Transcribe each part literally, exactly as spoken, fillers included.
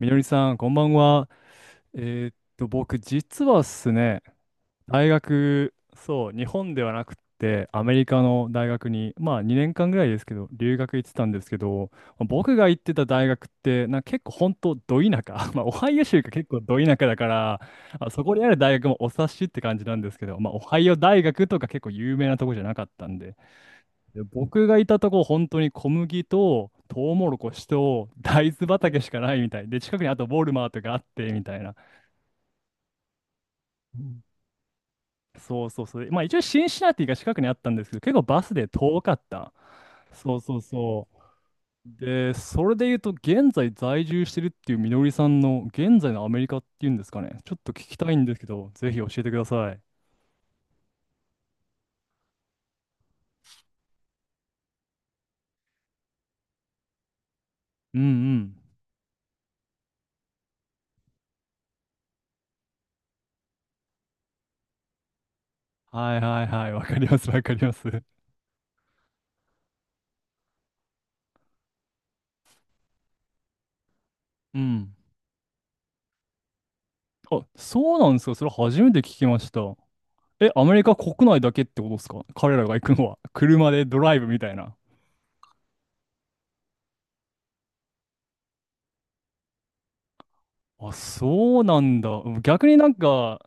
みのりさん、こんばんは。えーっと、僕、実はですね、大学、そう、日本ではなくって、アメリカの大学に、まあ、にねんかんぐらいですけど、留学行ってたんですけど、僕が行ってた大学って、なんか結構、本当ど田舎、まあ、オハイオ州が結構ど田舎だから、まあ、そこにある大学もお察しって感じなんですけど、まあ、オハイオ大学とか結構有名なとこじゃなかったんで、で僕がいたとこ、本当に小麦と、トウモロコシと、大豆畑しかないみたい。で、近くにあとウォルマートがあって、みたいな。うん。そうそうそう。まあ一応シンシナティが近くにあったんですけど、結構バスで遠かった。そうそうそう。で、それで言うと、現在在住してるっていうみのりさんの、現在のアメリカっていうんですかね。ちょっと聞きたいんですけど、ぜひ教えてください。うんうん。はいはいはい。わかりますわかります。うん。あ、そうなんですか。それ初めて聞きました。え、アメリカ国内だけってことですか、彼らが行くのは。車でドライブみたいな。あ、そうなんだ。逆になんか、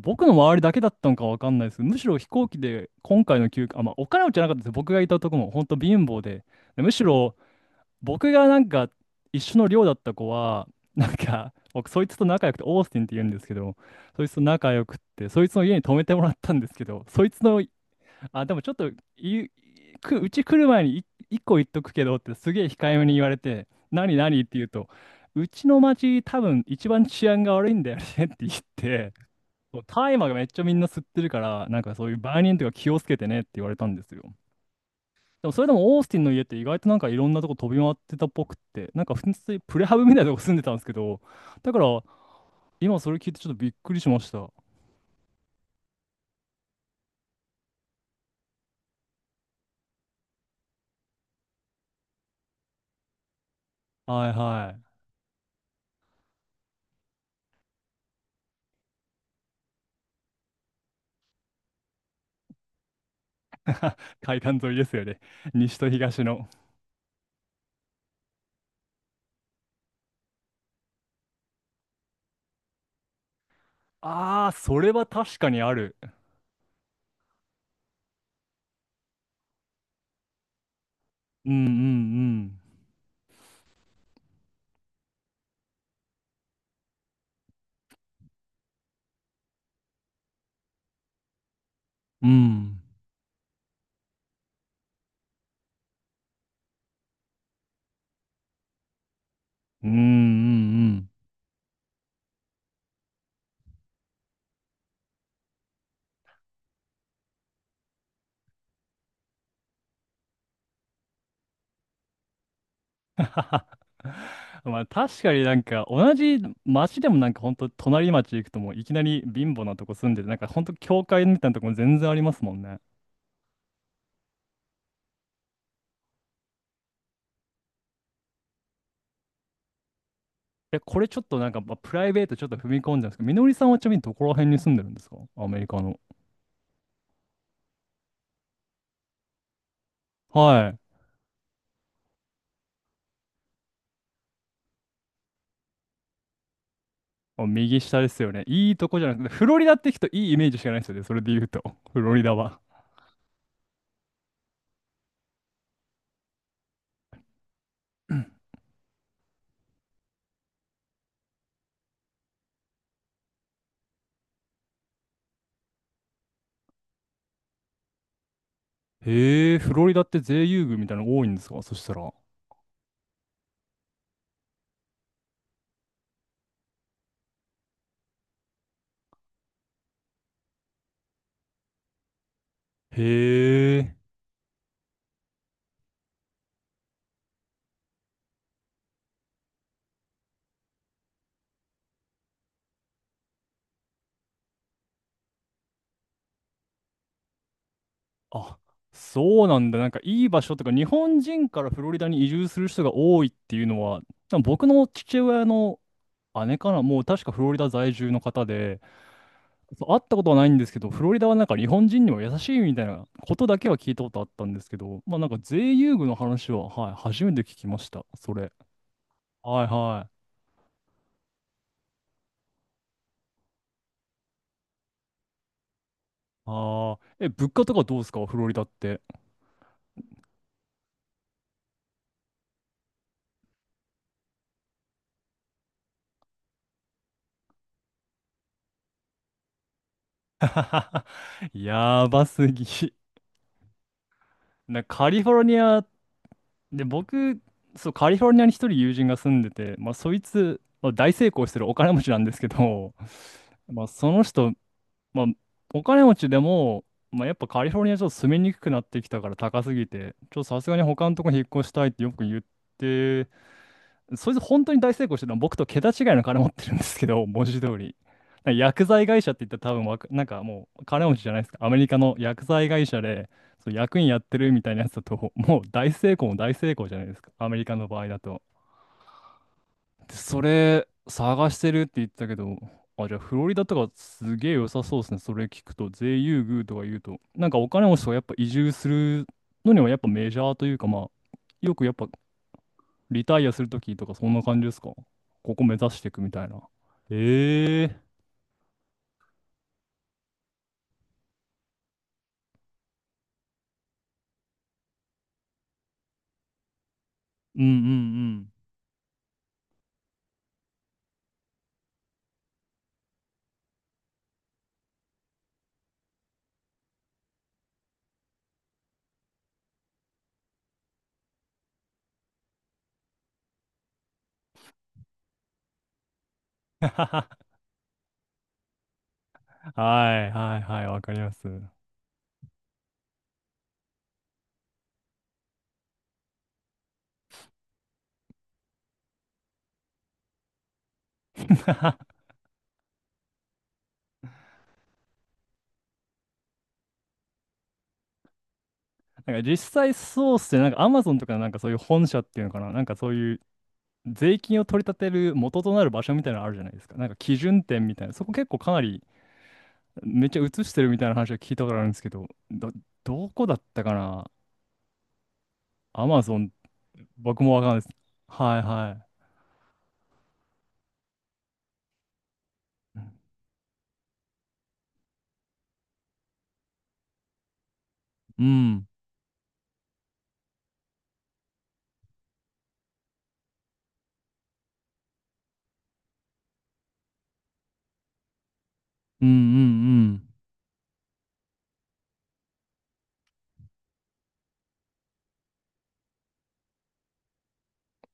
僕の周りだけだったのかわかんないですけど、むしろ飛行機で今回の休暇、あ、まあ、お金持ちじゃなかったです。僕がいたとこも本当貧乏で。でむしろ僕がなんか一緒の寮だった子は、なんか、僕そいつと仲良くて、オースティンって言うんですけど、そいつと仲良くって、そいつの家に泊めてもらったんですけど、そいつの、あ、でもちょっと、い、く、うち来る前にい一個言っとくけどってすげえ控えめに言われて、何何って言うと、うちの町多分一番治安が悪いんだよねって言って、そう大麻がめっちゃみんな吸ってるから、なんかそういう売人とか気をつけてねって言われたんですよ。でもそれでもオースティンの家って意外となんかいろんなとこ飛び回ってたっぽくって、なんか普通にプレハブみたいなとこ住んでたんですけど、だから今それ聞いてちょっとびっくりしました。はいはい。海岸沿いですよね。西と東の。ああ、それは確かにある。うんうんうん。うん。うんうんうん。はは。はまあ確かになんか同じ町でもなんかほんと隣町行くともういきなり貧乏なとこ住んでて、なんかほんと教会みたいなとこも全然ありますもんね。え、これちょっとなんか、まあ、プライベートちょっと踏み込んじゃうんですけど、みのりさんはちなみにどこら辺に住んでるんですか、アメリカの。はい。もう右下ですよね。いいとこじゃなくて、フロリダって聞くといいイメージしかないですよね。それで言うと。フロリダは。うん。へえ、フロリダって税優遇みたいなの多いんですか、そしたら。へえ。あ、そうなんだ。なんかいい場所とか、日本人からフロリダに移住する人が多いっていうのは、多分僕の父親の姉かな、もう確かフロリダ在住の方で、そう、会ったことはないんですけど、フロリダはなんか日本人にも優しいみたいなことだけは聞いたことあったんですけど、まあなんか税優遇の話は、はい、初めて聞きました、それ。はいはい。ああ、え、物価とかどうですか、フロリダって。やばすぎ。な、カリフォルニアで、僕、そう、カリフォルニアに一人友人が住んでて、まあ、そいつ、まあ、大成功してるお金持ちなんですけど、まあ、その人、まあ、お金持ちでも、まあ、やっぱカリフォルニアちょっと住みにくくなってきたから高すぎて、ちょっとさすがに他のとこに引っ越したいってよく言って、そいつ本当に大成功してるのは僕と桁違いの金持ってるんですけど、文字通り。なんか薬剤会社って言ったら多分わか、なんかもう金持ちじゃないですか。アメリカの薬剤会社で、そう役員やってるみたいなやつだと、もう大成功も大成功じゃないですか。アメリカの場合だと。で、それ探してるって言ってたけど、あ、じゃあフロリダとかすげえ良さそうですね。それ聞くと、税優遇とか言うと、なんかお金持ちとかやっぱ移住するのにはやっぱメジャーというか、まあ、よくやっぱリタイアするときとかそんな感じですか、ここ目指していくみたいな。ええー。うんうんうん。はいはいはい、わかります。なんか実際そうっすね。なんかアマゾンとかなんかそういう本社っていうのかな。なんかそういう税金を取り立てる元となる場所みたいなのあるじゃないですか。なんか基準点みたいな。そこ結構かなりめっちゃ映してるみたいな話は聞いたことあるんですけど、ど、どこだったかな。アマゾン、僕もわかんないです。はいはい。うん。うんうんうん。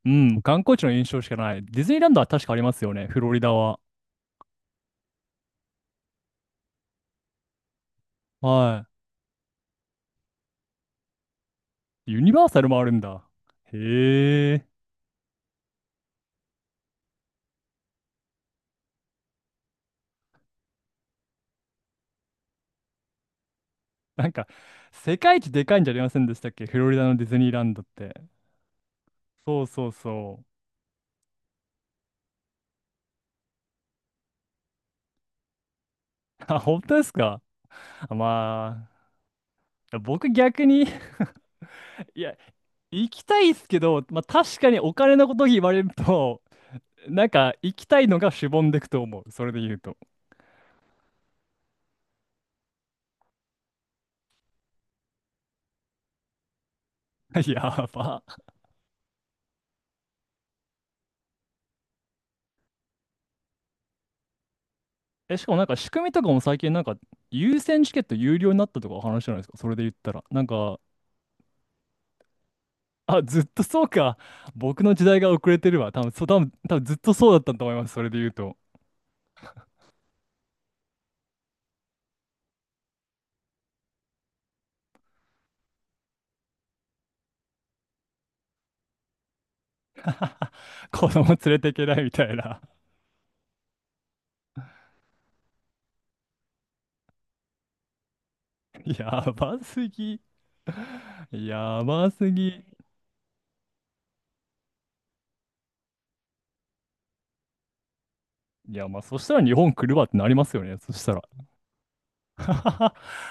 うん、観光地の印象しかない。ディズニーランドは確かありますよね、フロリダは。はい。ユニバーサルもあるんだ。へえ。なんか、世界一でかいんじゃありませんでしたっけ、フロリダのディズニーランドって。そうそうそう。あ、本当ですか。あ、まあ、僕逆に いや、行きたいっすけど、まあ確かにお金のこと言われると、なんか行きたいのがしぼんでくと思う。それで言うと。やば。え、しかもなんか仕組みとかも最近なんか優先チケット有料になったとかお話じゃないですか。それで言ったら。なんか、あ、ずっとそうか。僕の時代が遅れてるわ。多分、そう、多分、多分ずっとそうだったと思います。それで言うと。子供連れていけないみたいな。やばすぎ。やばすぎ。いや、まあそしたら日本来るわってなりますよね。そしたら。